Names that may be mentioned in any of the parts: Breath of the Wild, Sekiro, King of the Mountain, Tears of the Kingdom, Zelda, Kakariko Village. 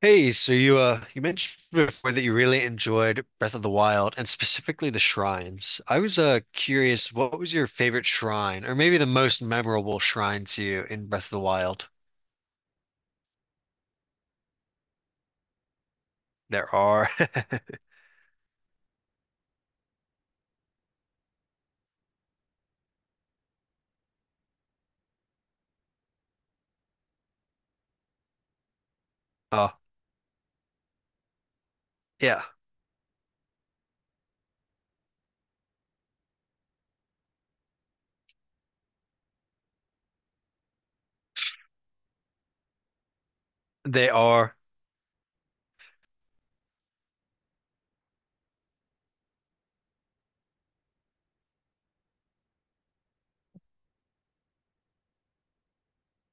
Hey, so you mentioned before that you really enjoyed Breath of the Wild and specifically the shrines. I was curious, what was your favorite shrine or maybe the most memorable shrine to you in Breath of the Wild? There are. Oh, yeah. They are.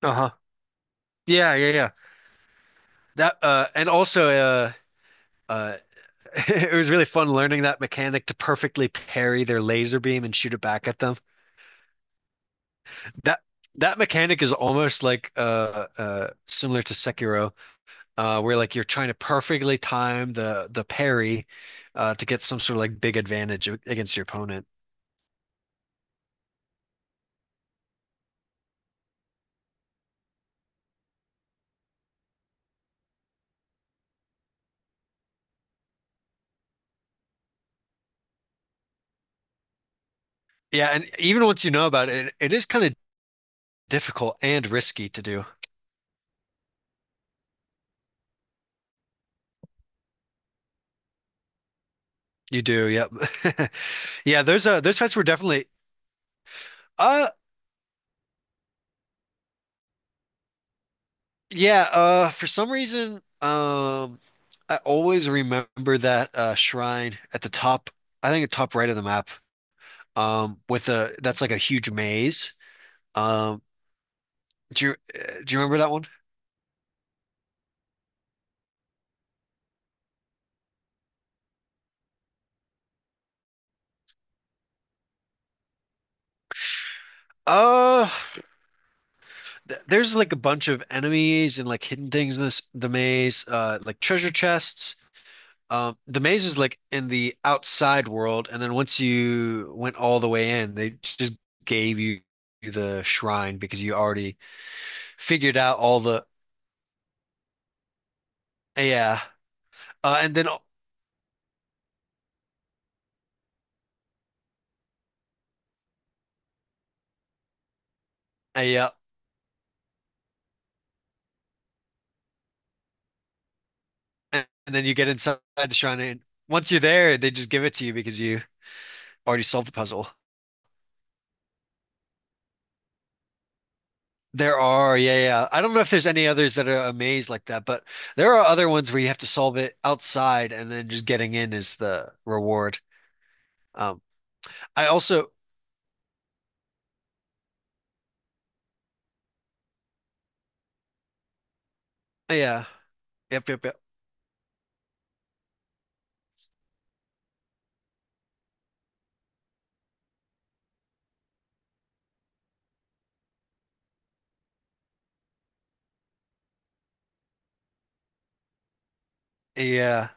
Uh-huh. Yeah, yeah, yeah. That and also uh it was really fun learning that mechanic to perfectly parry their laser beam and shoot it back at them. That that mechanic is almost like similar to Sekiro, where like you're trying to perfectly time the parry, to get some sort of like big advantage against your opponent. Yeah, and even once you know about it, it is kind of difficult and risky to do. You do, yep. Yeah, those fights were definitely uh yeah, for some reason I always remember that shrine at the top, I think the top right of the map. With a that's like a huge maze. Um do you remember that one? Uh there's like a bunch of enemies and like hidden things in this the maze, like treasure chests. The maze is like in the outside world, and then once you went all the way in, they just gave you the shrine because you already figured out all the yeah. And then yeah, and then you get inside the shrine, and once you're there, they just give it to you because you already solved the puzzle. There are, yeah, yeah. I don't know if there's any others that are a maze like that, but there are other ones where you have to solve it outside and then just getting in is the reward. Um, I also, yeah, yep, yep, yep. Yeah,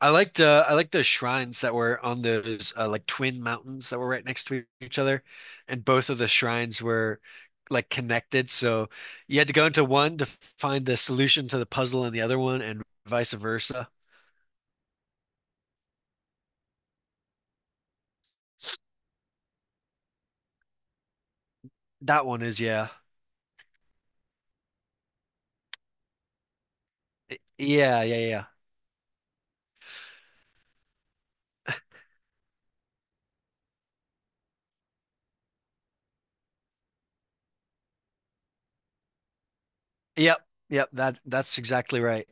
I liked the shrines that were on those, like twin mountains that were right next to each other, and both of the shrines were like connected. So you had to go into one to find the solution to the puzzle in the other one, and vice versa. That one is yeah, yeah, yeah, yeah. Yep, yep, that that's exactly right.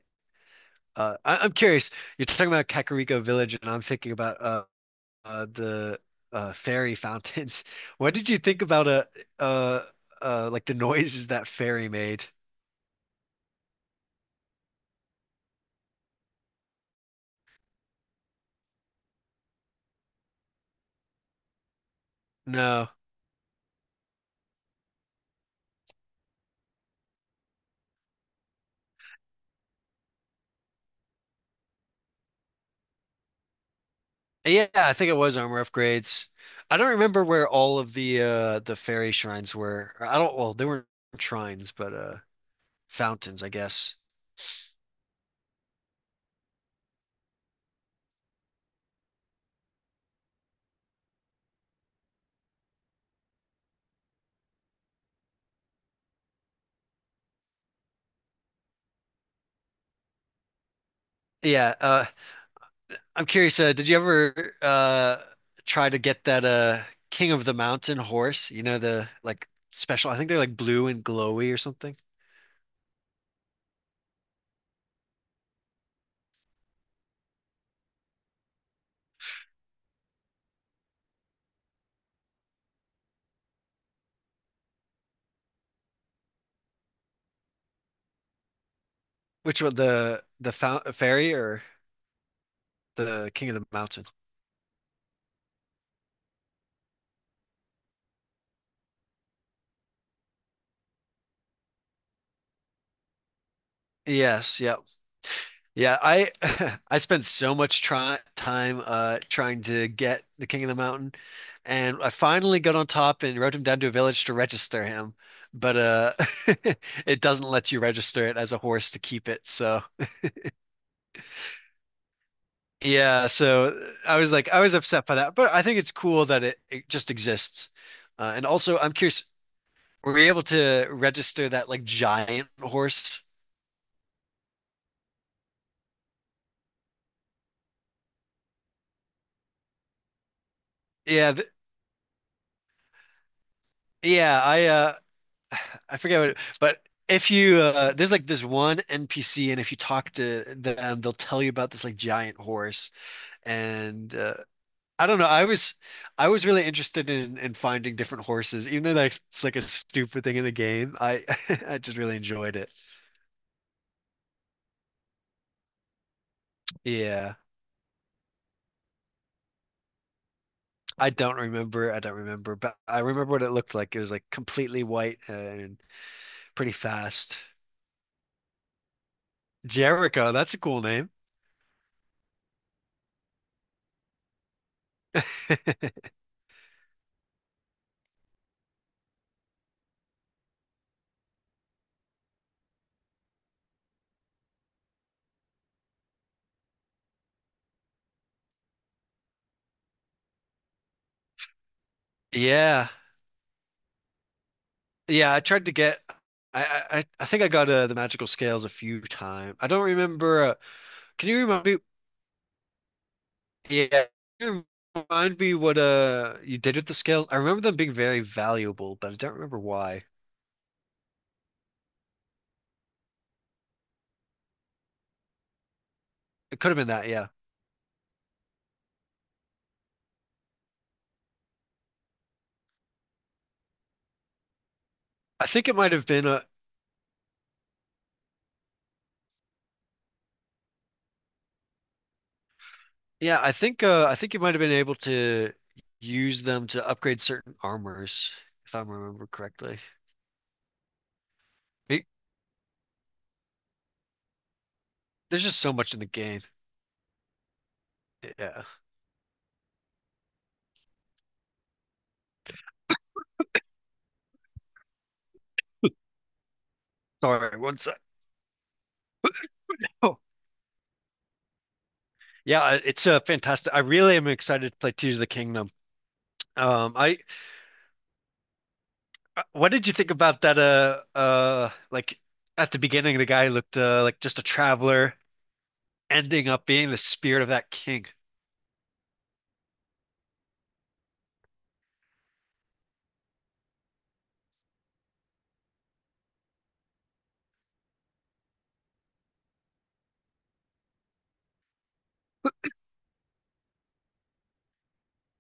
I'm curious. You're talking about Kakariko Village, and I'm thinking about the fairy fountains. What did you think about uh like the noises that fairy made? No. Yeah, I think it was armor upgrades. I don't remember where all of the fairy shrines were. I don't, well, they weren't shrines, but fountains, I guess. Yeah, I'm curious, did you ever try to get that King of the Mountain horse? You know, the like special, I think they're like blue and glowy or something. Which one, the fairy or the King of the Mountain? Yes, yep. Yeah, I I spent so much try time trying to get the King of the Mountain and I finally got on top and rode him down to a village to register him. But it doesn't let you register it as a horse to keep it, so yeah, so I was like, I was upset by that, but I think it's cool that it just exists. And also, I'm curious, were you able to register that like giant horse? Yeah, th yeah, I I forget what it, but if you there's like this one NPC and if you talk to them, they'll tell you about this like giant horse and I don't know. I was really interested in finding different horses, even though that's it's like a stupid thing in the game. I I just really enjoyed it. Yeah. I don't remember. I don't remember, but I remember what it looked like. It was like completely white and pretty fast. Jericho, that's a cool name. Yeah. Yeah, I tried to get I think I got, the magical scales a few times. I don't remember can you remind me yeah, can you remind me what you did with the scales? I remember them being very valuable, but I don't remember why. It could have been that, yeah. I think it might have been yeah, I think you might have been able to use them to upgrade certain armors, if I remember correctly. It- there's just so much in the game. Yeah. Sorry, one sec. Oh, it's, fantastic. I really am excited to play Tears of the Kingdom. I what did you think about that? Like at the beginning, the guy looked, like just a traveler, ending up being the spirit of that king.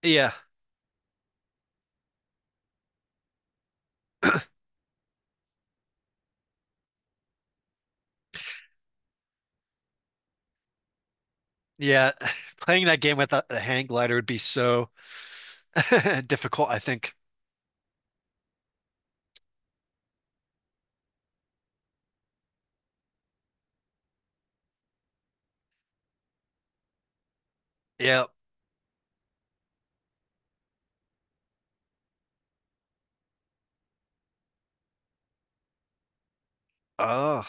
Yeah, yeah. Playing that game without the hang glider would be so difficult, I think. Yeah, oh,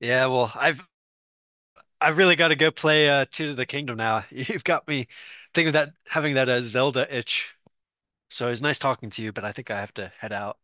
yeah. Well, I've really got to go play Tears of the Kingdom now. You've got me thinking that having that, Zelda itch. So it was nice talking to you, but I think I have to head out.